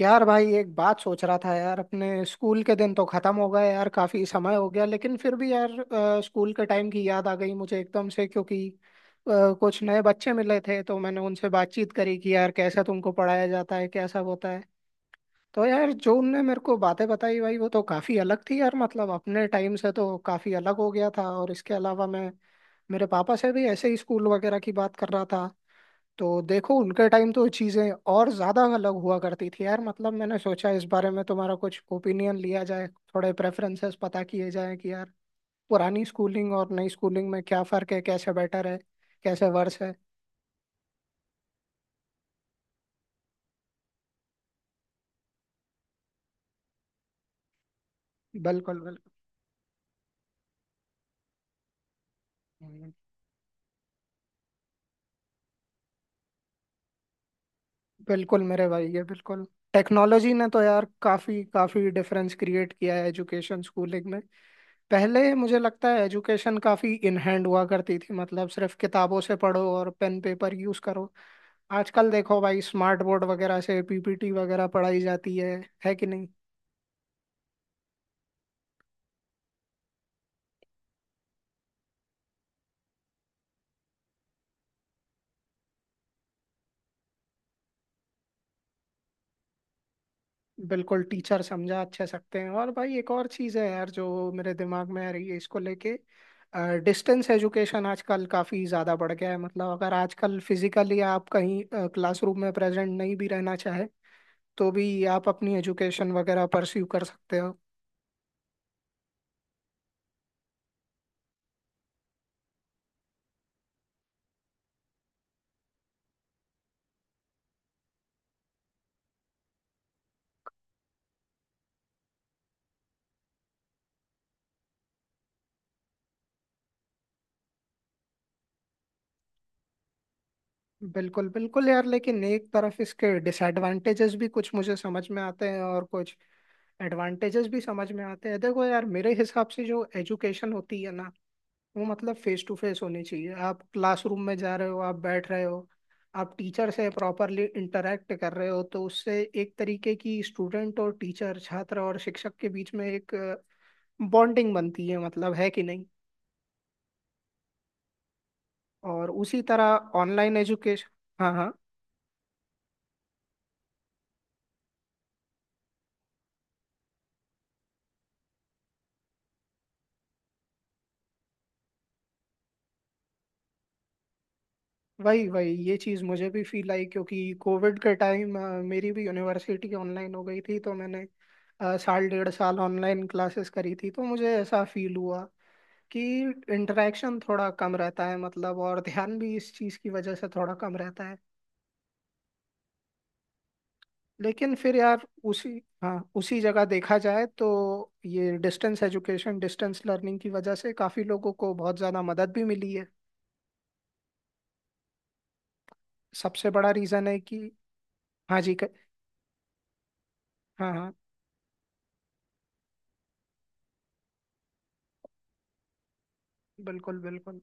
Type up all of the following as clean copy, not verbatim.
यार भाई एक बात सोच रहा था यार। अपने स्कूल के दिन तो खत्म हो गए यार, काफी समय हो गया, लेकिन फिर भी यार स्कूल के टाइम की याद आ गई मुझे एकदम से, क्योंकि कुछ नए बच्चे मिले थे तो मैंने उनसे बातचीत करी कि यार कैसा तुमको पढ़ाया जाता है, कैसा होता है। तो यार जो उनने मेरे को बातें बताई भाई, वो तो काफी अलग थी यार। मतलब अपने टाइम से तो काफी अलग हो गया था। और इसके अलावा मैं मेरे पापा से भी ऐसे ही स्कूल वगैरह की बात कर रहा था, तो देखो उनके टाइम तो चीजें और ज्यादा अलग हुआ करती थी यार। मतलब मैंने सोचा इस बारे में तुम्हारा कुछ ओपिनियन लिया जाए, थोड़े प्रेफरेंसेस पता किए जाए कि यार पुरानी स्कूलिंग और नई स्कूलिंग में क्या फर्क है, कैसे बेटर है, कैसे वर्स है। बिल्कुल बिल्कुल। हम्म। बिल्कुल मेरे भाई, ये बिल्कुल टेक्नोलॉजी ने तो यार काफी काफी डिफरेंस क्रिएट किया है एजुकेशन स्कूलिंग में। पहले मुझे लगता है एजुकेशन काफी इन हैंड हुआ करती थी, मतलब सिर्फ किताबों से पढ़ो और पेन पेपर यूज करो। आजकल देखो भाई स्मार्ट बोर्ड वगैरह से पीपीटी वगैरह पढ़ाई जाती है कि नहीं। बिल्कुल, टीचर समझा अच्छे सकते हैं। और भाई एक और चीज़ है यार जो मेरे दिमाग में आ रही है इसको लेके। डिस्टेंस एजुकेशन आजकल काफ़ी ज़्यादा बढ़ गया है, मतलब अगर आजकल फिजिकली आप कहीं क्लासरूम में प्रेजेंट नहीं भी रहना चाहे तो भी आप अपनी एजुकेशन वगैरह परस्यू कर सकते हो। बिल्कुल बिल्कुल यार, लेकिन एक तरफ इसके डिसएडवांटेजेस भी कुछ मुझे समझ में आते हैं और कुछ एडवांटेजेस भी समझ में आते हैं। देखो यार मेरे हिसाब से जो एजुकेशन होती है ना, वो मतलब फेस टू फेस होनी चाहिए। आप क्लासरूम में जा रहे हो, आप बैठ रहे हो, आप टीचर से प्रॉपरली इंटरेक्ट कर रहे हो, तो उससे एक तरीके की स्टूडेंट और टीचर, छात्र और शिक्षक के बीच में एक बॉन्डिंग बनती है, मतलब, है कि नहीं। और उसी तरह ऑनलाइन एजुकेशन। हाँ हाँ। वही वही, ये चीज़ मुझे भी फील आई क्योंकि कोविड के टाइम मेरी भी यूनिवर्सिटी ऑनलाइन हो गई थी, तो मैंने साल डेढ़ साल ऑनलाइन क्लासेस करी थी, तो मुझे ऐसा फील हुआ कि इंटरेक्शन थोड़ा कम रहता है, मतलब और ध्यान भी इस चीज़ की वजह से थोड़ा कम रहता है। लेकिन फिर यार उसी, हाँ उसी जगह देखा जाए तो ये डिस्टेंस एजुकेशन डिस्टेंस लर्निंग की वजह से काफ़ी लोगों को बहुत ज़्यादा मदद भी मिली है, सबसे बड़ा रीज़न है कि हाँ जी हाँ हाँ। बिल्कुल बिल्कुल।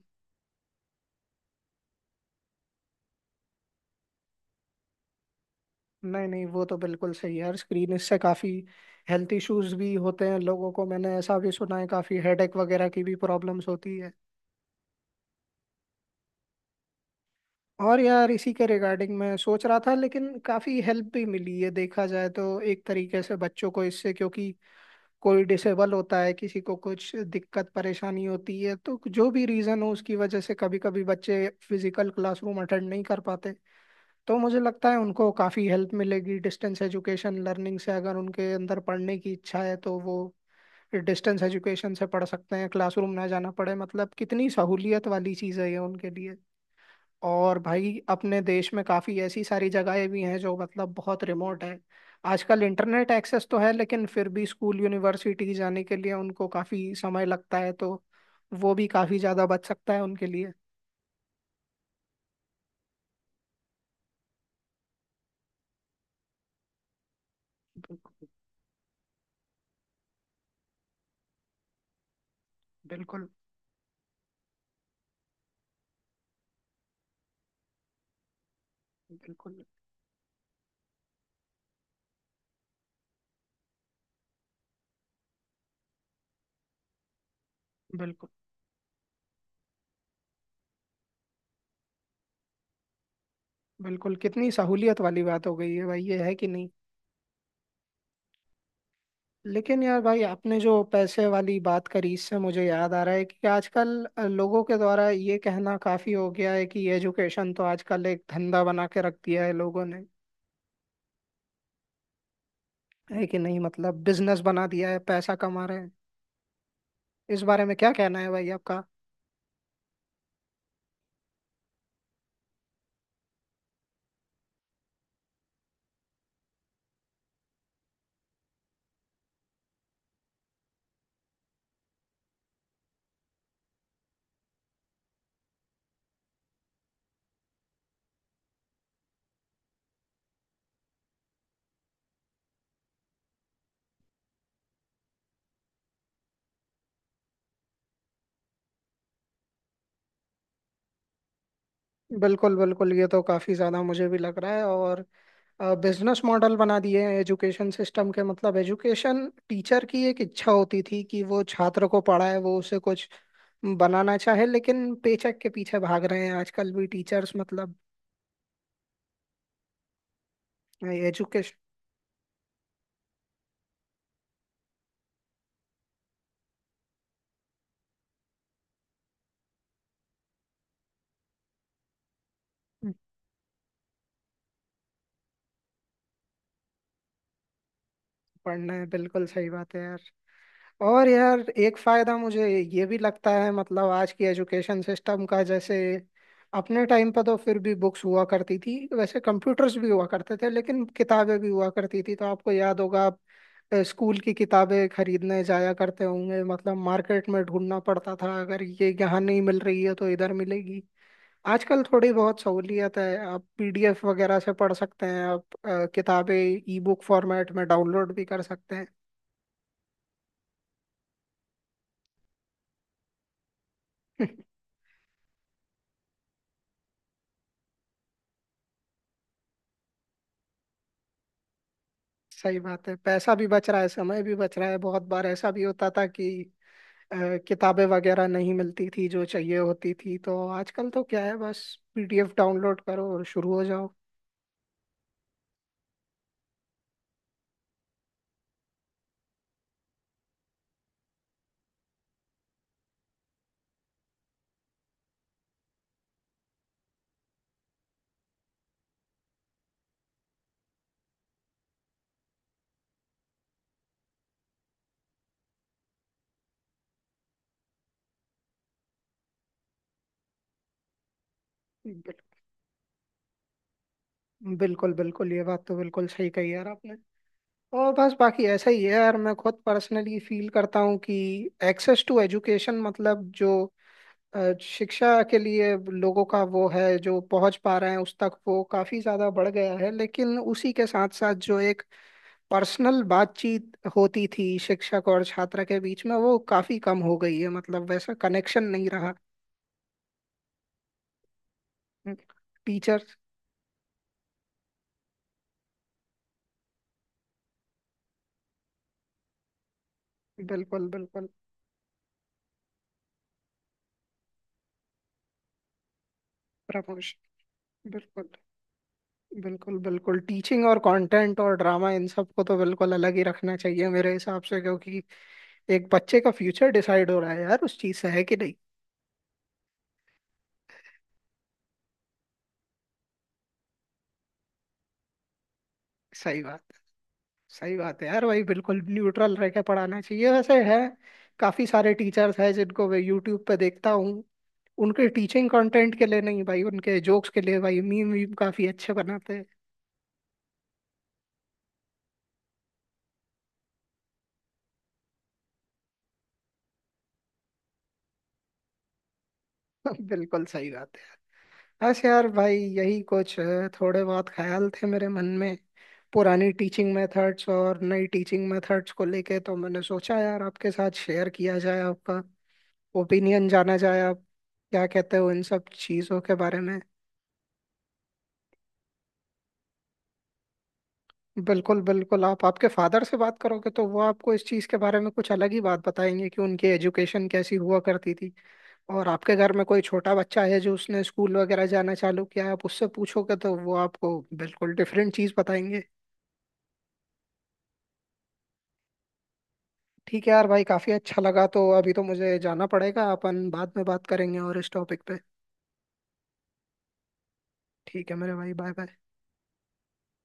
नहीं नहीं, वो तो बिल्कुल सही है यार, स्क्रीन इससे काफ़ी हेल्थ इश्यूज भी होते हैं लोगों को, मैंने ऐसा भी सुना है, काफ़ी हेडेक वगैरह की भी प्रॉब्लम्स होती है। और यार इसी के रिगार्डिंग मैं सोच रहा था, लेकिन काफ़ी हेल्प भी मिली है देखा जाए तो एक तरीके से बच्चों को इससे, क्योंकि कोई डिसेबल होता है, किसी को कुछ दिक्कत परेशानी होती है तो जो भी रीज़न हो उसकी वजह से कभी कभी बच्चे फिजिकल क्लासरूम अटेंड नहीं कर पाते, तो मुझे लगता है उनको काफ़ी हेल्प मिलेगी डिस्टेंस एजुकेशन लर्निंग से। अगर उनके अंदर पढ़ने की इच्छा है तो वो डिस्टेंस एजुकेशन से पढ़ सकते हैं, क्लासरूम ना जाना पड़े, मतलब कितनी सहूलियत वाली चीज़ है ये उनके लिए। और भाई अपने देश में काफ़ी ऐसी सारी जगहें भी हैं जो मतलब बहुत रिमोट है, आजकल इंटरनेट एक्सेस तो है, लेकिन फिर भी स्कूल यूनिवर्सिटी जाने के लिए उनको काफ़ी समय लगता है, तो वो भी काफ़ी ज़्यादा बच सकता है उनके लिए। बिल्कुल। बिल्कुल। बिल्कुल। बिल्कुल। बिल्कुल, कितनी सहूलियत वाली बात हो गई है भाई, ये है कि नहीं। लेकिन यार भाई आपने जो पैसे वाली बात करी, इससे मुझे याद आ रहा है कि आजकल लोगों के द्वारा ये कहना काफी हो गया है कि एजुकेशन तो आजकल एक धंधा बना के रख दिया है लोगों ने, है कि नहीं। मतलब बिजनेस बना दिया है, पैसा कमा रहे हैं। इस बारे में क्या कहना है भाई आपका। बिल्कुल बिल्कुल, ये तो काफी ज्यादा मुझे भी लग रहा है। और बिजनेस मॉडल बना दिए हैं एजुकेशन सिस्टम के, मतलब एजुकेशन टीचर की एक इच्छा होती थी कि वो छात्र को पढ़ाए, वो उसे कुछ बनाना चाहे, लेकिन पेचेक के पीछे भाग रहे हैं आजकल भी टीचर्स, मतलब एजुकेशन। पढ़ना है, बिल्कुल सही बात है यार। और यार एक फायदा मुझे ये भी लगता है, मतलब आज की एजुकेशन सिस्टम का, जैसे अपने टाइम पर तो फिर भी बुक्स हुआ करती थी, वैसे कंप्यूटर्स भी हुआ करते थे लेकिन किताबें भी हुआ करती थी, तो आपको याद होगा आप स्कूल की किताबें खरीदने जाया करते होंगे, मतलब मार्केट में ढूंढना पड़ता था, अगर ये यहाँ नहीं मिल रही है तो इधर मिलेगी। आजकल थोड़ी बहुत सहूलियत है, आप पीडीएफ वगैरह से पढ़ सकते हैं, आप किताबें ई बुक फॉर्मेट में डाउनलोड भी कर सकते हैं। सही बात है, पैसा भी बच रहा है, समय भी बच रहा है। बहुत बार ऐसा भी होता था कि अ, किताबें वगैरह नहीं मिलती थी जो चाहिए होती थी, तो आजकल तो क्या है, बस पीडीएफ डाउनलोड करो और शुरू हो जाओ। बिल- बिल्कुल बिल्कुल, ये बात तो बिल्कुल सही कही यार आपने। और बस बाकी ऐसा ही है यार, मैं खुद पर्सनली फील करता हूँ कि एक्सेस टू एजुकेशन, मतलब जो शिक्षा के लिए लोगों का वो है, जो पहुंच पा रहे हैं उस तक, वो काफी ज्यादा बढ़ गया है। लेकिन उसी के साथ साथ जो एक पर्सनल बातचीत होती थी शिक्षक और छात्र के बीच में, वो काफी कम हो गई है, मतलब वैसा कनेक्शन नहीं रहा। टीचर। बिल्कुल बिल्कुल। प्रमोशन। बिल्कुल। बिल्कुल बिल्कुल, टीचिंग और कंटेंट और ड्रामा, इन सब को तो बिल्कुल अलग ही रखना चाहिए मेरे हिसाब से, क्योंकि एक बच्चे का फ्यूचर डिसाइड हो रहा है यार उस चीज से, है कि नहीं। सही बात, सही बात है यार, वही बिल्कुल न्यूट्रल रह के पढ़ाना चाहिए। वैसे है काफी सारे टीचर्स हैं जिनको मैं यूट्यूब पे देखता हूँ, उनके टीचिंग कंटेंट के लिए नहीं भाई, उनके जोक्स के लिए, भाई मीम वीम काफी अच्छे बनाते हैं। बिल्कुल सही बात है। बस यार भाई यही कुछ थोड़े बहुत ख्याल थे मेरे मन में पुरानी टीचिंग मेथड्स और नई टीचिंग मेथड्स को लेके, तो मैंने सोचा यार आपके साथ शेयर किया जाए, आपका ओपिनियन जाना जाए, आप क्या कहते हो इन सब चीज़ों के बारे में। बिल्कुल बिल्कुल, आप आपके फादर से बात करोगे तो वो आपको इस चीज़ के बारे में कुछ अलग ही बात बताएंगे कि उनकी एजुकेशन कैसी हुआ करती थी। और आपके घर में कोई छोटा बच्चा है जो उसने स्कूल वगैरह जाना चालू किया है, आप उससे पूछोगे तो वो आपको बिल्कुल डिफरेंट चीज़ बताएंगे। ठीक है यार भाई, काफ़ी अच्छा लगा। तो अभी तो मुझे जाना पड़ेगा, अपन बाद में बात करेंगे और इस टॉपिक पे। ठीक है मेरे भाई, बाय बाय।